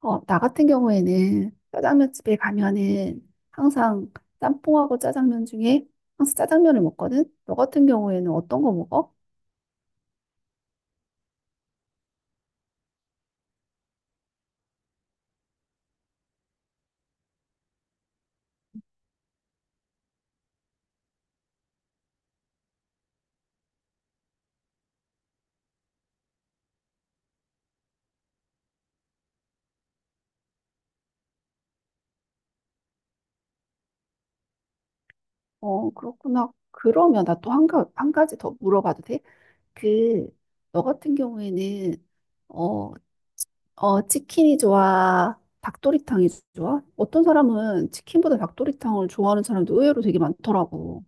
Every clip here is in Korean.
나 같은 경우에는 짜장면 집에 가면은 항상 짬뽕하고 짜장면 중에 항상 짜장면을 먹거든? 너 같은 경우에는 어떤 거 먹어? 어, 그렇구나. 그러면 나 또 한 가지 더 물어봐도 돼? 그, 너 같은 경우에는 어, 치킨이 좋아? 닭도리탕이 좋아? 어떤 사람은 치킨보다 닭도리탕을 좋아하는 사람도 의외로 되게 많더라고.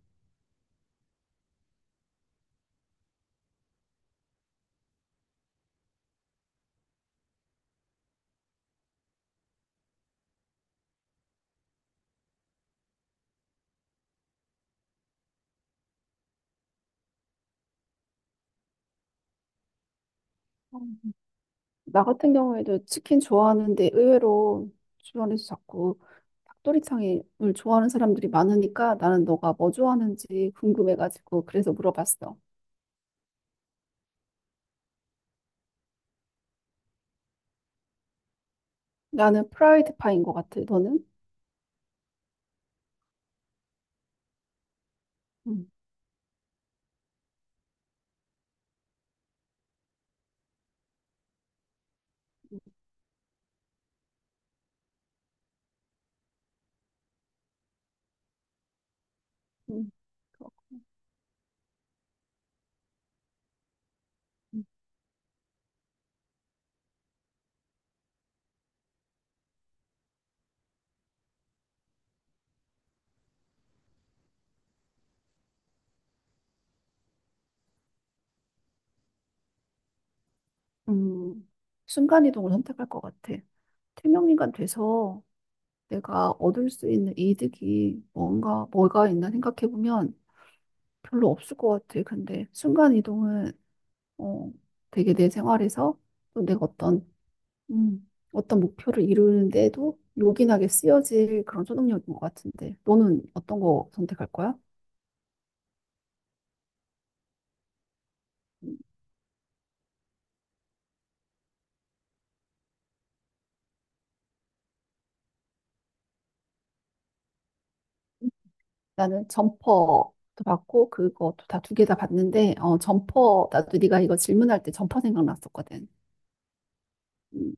나 같은 경우에도 치킨 좋아하는데 의외로 주변에서 자꾸 닭도리탕을 좋아하는 사람들이 많으니까 나는 너가 뭐 좋아하는지 궁금해가지고 그래서 물어봤어. 나는 프라이드 파인 것 같아. 너는? 음, 음, 그렇군. 음, 순간이동을 선택할 것 같아. 태명인간 돼서 내가 얻을 수 있는 이득이 뭔가, 뭐가 있나 생각해보면 별로 없을 것 같아. 근데 순간이동은 어, 되게 내 생활에서 또 내가 어떤 어떤 목표를 이루는데도 요긴하게 쓰여질 그런 초능력인 것 같은데. 너는 어떤 거 선택할 거야? 음, 나는 점퍼도 받고 그것도 다 두 개 다 받는데 어, 점퍼 나도 네가 이거 질문할 때 점퍼 생각났었거든. 음,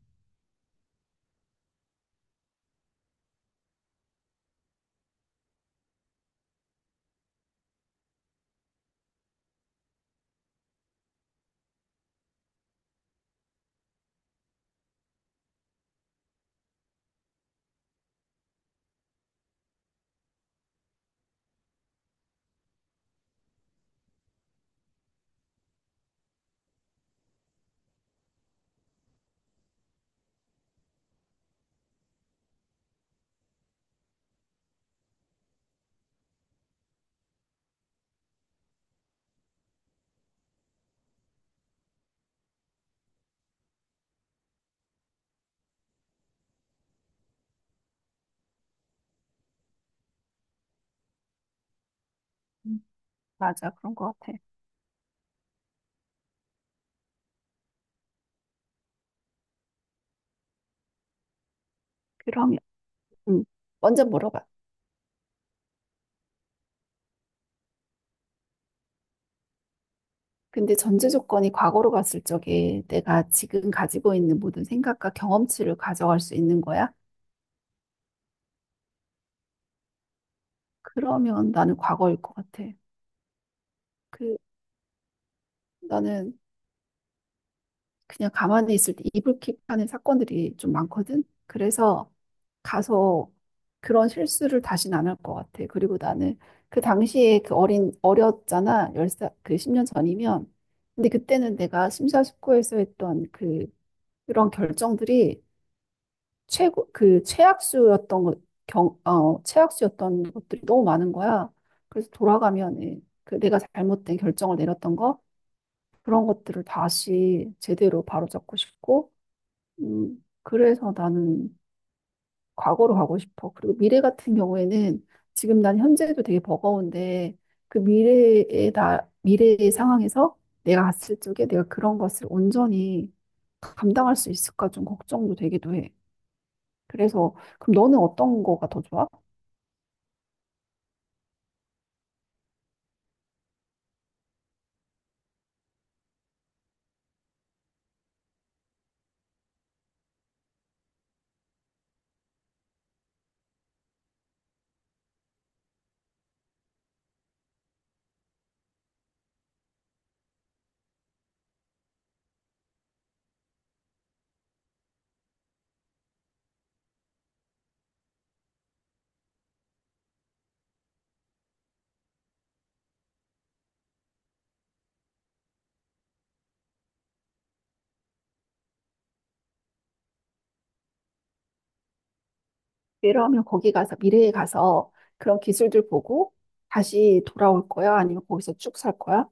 음, 맞아, 그런 것 같아. 그러면 음, 먼저 물어봐. 근데 전제 조건이 과거로 갔을 적에 내가 지금 가지고 있는 모든 생각과 경험치를 가져갈 수 있는 거야? 그러면 나는 과거일 것 같아. 그 나는 그냥 가만히 있을 때 이불킥하는 사건들이 좀 많거든. 그래서 가서 그런 실수를 다시는 안 할 것 같아. 그리고 나는 그 당시에 그 어린 어렸잖아. 열사그 10년 전이면. 근데 그때는 내가 심사숙고해서 했던 그런 결정들이 최고 그 최악수였던 것, 최악수였던 것들이 너무 많은 거야. 그래서 돌아가면 예, 그 내가 잘못된 결정을 내렸던 거 그런 것들을 다시 제대로 바로잡고 싶고, 그래서 나는 과거로 가고 싶어. 그리고 미래 같은 경우에는 지금 난 현재도 되게 버거운데 그 미래의 상황에서 내가 갔을 적에 내가 그런 것을 온전히 감당할 수 있을까 좀 걱정도 되기도 해. 그래서 그럼 너는 어떤 거가 더 좋아? 이러면 거기 가서 미래에 가서 그런 기술들 보고 다시 돌아올 거야? 아니면 거기서 쭉 살 거야?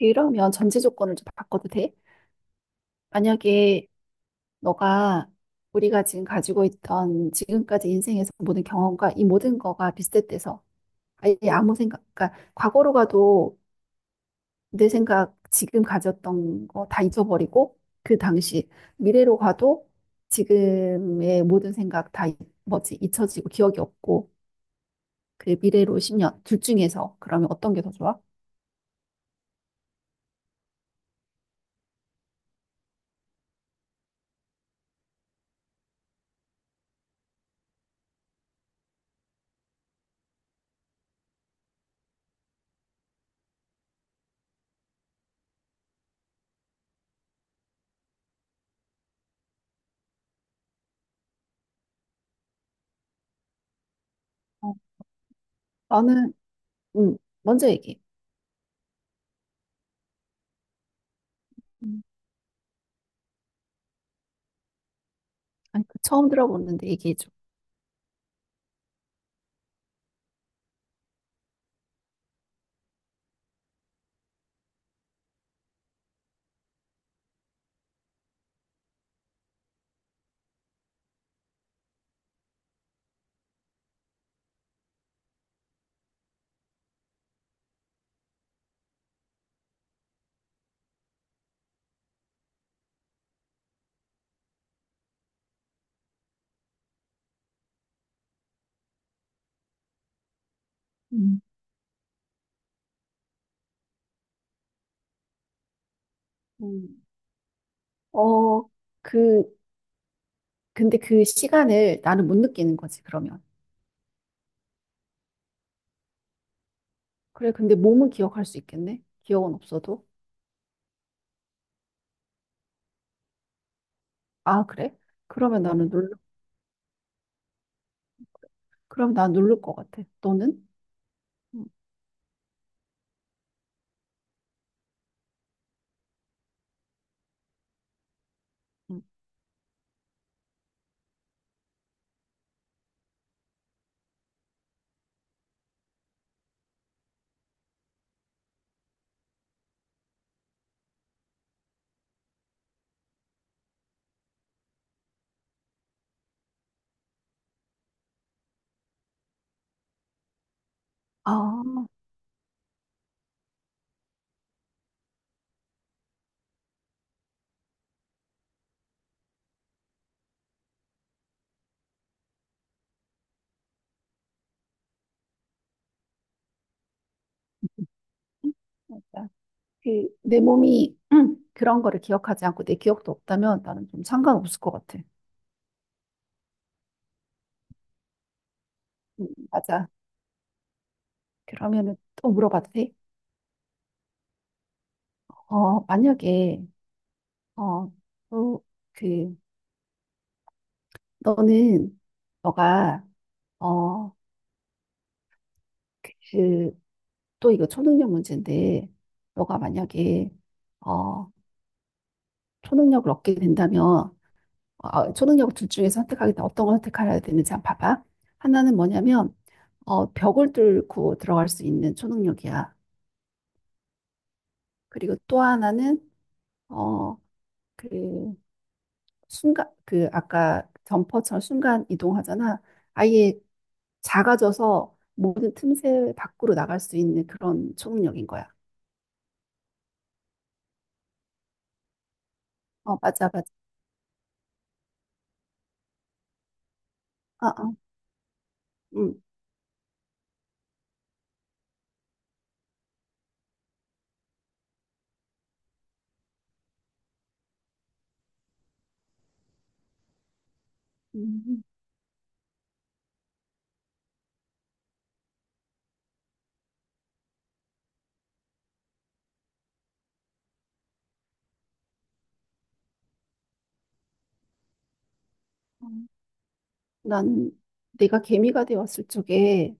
이러면 전제 조건을 좀 바꿔도 돼? 만약에 너가 우리가 지금 가지고 있던 지금까지 인생에서 모든 경험과 이 모든 거가 리셋돼서 아예 아무 생각, 그러니까 과거로 가도 내 생각 지금 가졌던 거 다 잊어버리고 그 당시 미래로 가도 지금의 모든 생각 다 잊- 뭐지 잊혀지고 기억이 없고 그 미래로 10년 둘 중에서 그러면 어떤 게 더 좋아? 어, 나는 음 먼저 얘기해. 음, 아니 그 처음 들어보는데 얘기해줘. 음. 음. 어, 그, 근데 그 시간을 나는 못 느끼는 거지, 그러면. 그래, 근데 몸은 기억할 수 있겠네? 기억은 없어도. 아, 그래? 그러면 나는 놀, 그럼 난 누를 것 같아. 너는? 음, 음. 아, 맞아. 그, 내 몸이 그런 거를 기억하지 않고 내 기억도 없다면 나는 좀 상관없을 것 같아. 맞아. 그러면은 또 물어봐도 돼? 어, 만약에, 어, 또, 그, 너는, 너가, 어, 그, 또 이거 초능력 문제인데, 너가 만약에, 어, 초능력을 얻게 된다면, 초능력 둘 중에 선택하겠다. 어떤 걸 선택해야 되는지 한번 봐봐. 하나는 뭐냐면, 벽을 뚫고 들어갈 수 있는 초능력이야. 그리고 또 하나는 어, 그 순간 그 아까 점퍼처럼 순간 이동하잖아. 아예 작아져서 모든 틈새 밖으로 나갈 수 있는 그런 초능력인 거야. 어, 맞아, 맞아. 아, 아, 음, 음, 음. 난 내가 개미가 되었을 적에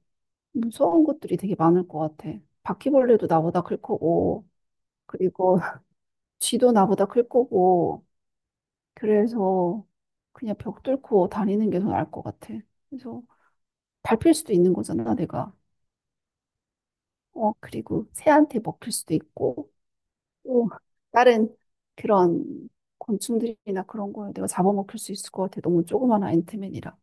무서운 것들이 되게 많을 것 같아. 바퀴벌레도 나보다 클 거고, 그리고 쥐도 나보다 클 거고, 그래서 그냥 벽 뚫고 다니는 게 더 나을 것 같아. 그래서 밟힐 수도 있는 거잖아, 내가. 어, 그리고 새한테 먹힐 수도 있고, 또 다른 그런 곤충들이나 그런 거에 내가 잡아먹힐 수 있을 것 같아. 너무 조그만 앤트맨이라.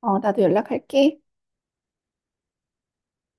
어, 나도 연락할게.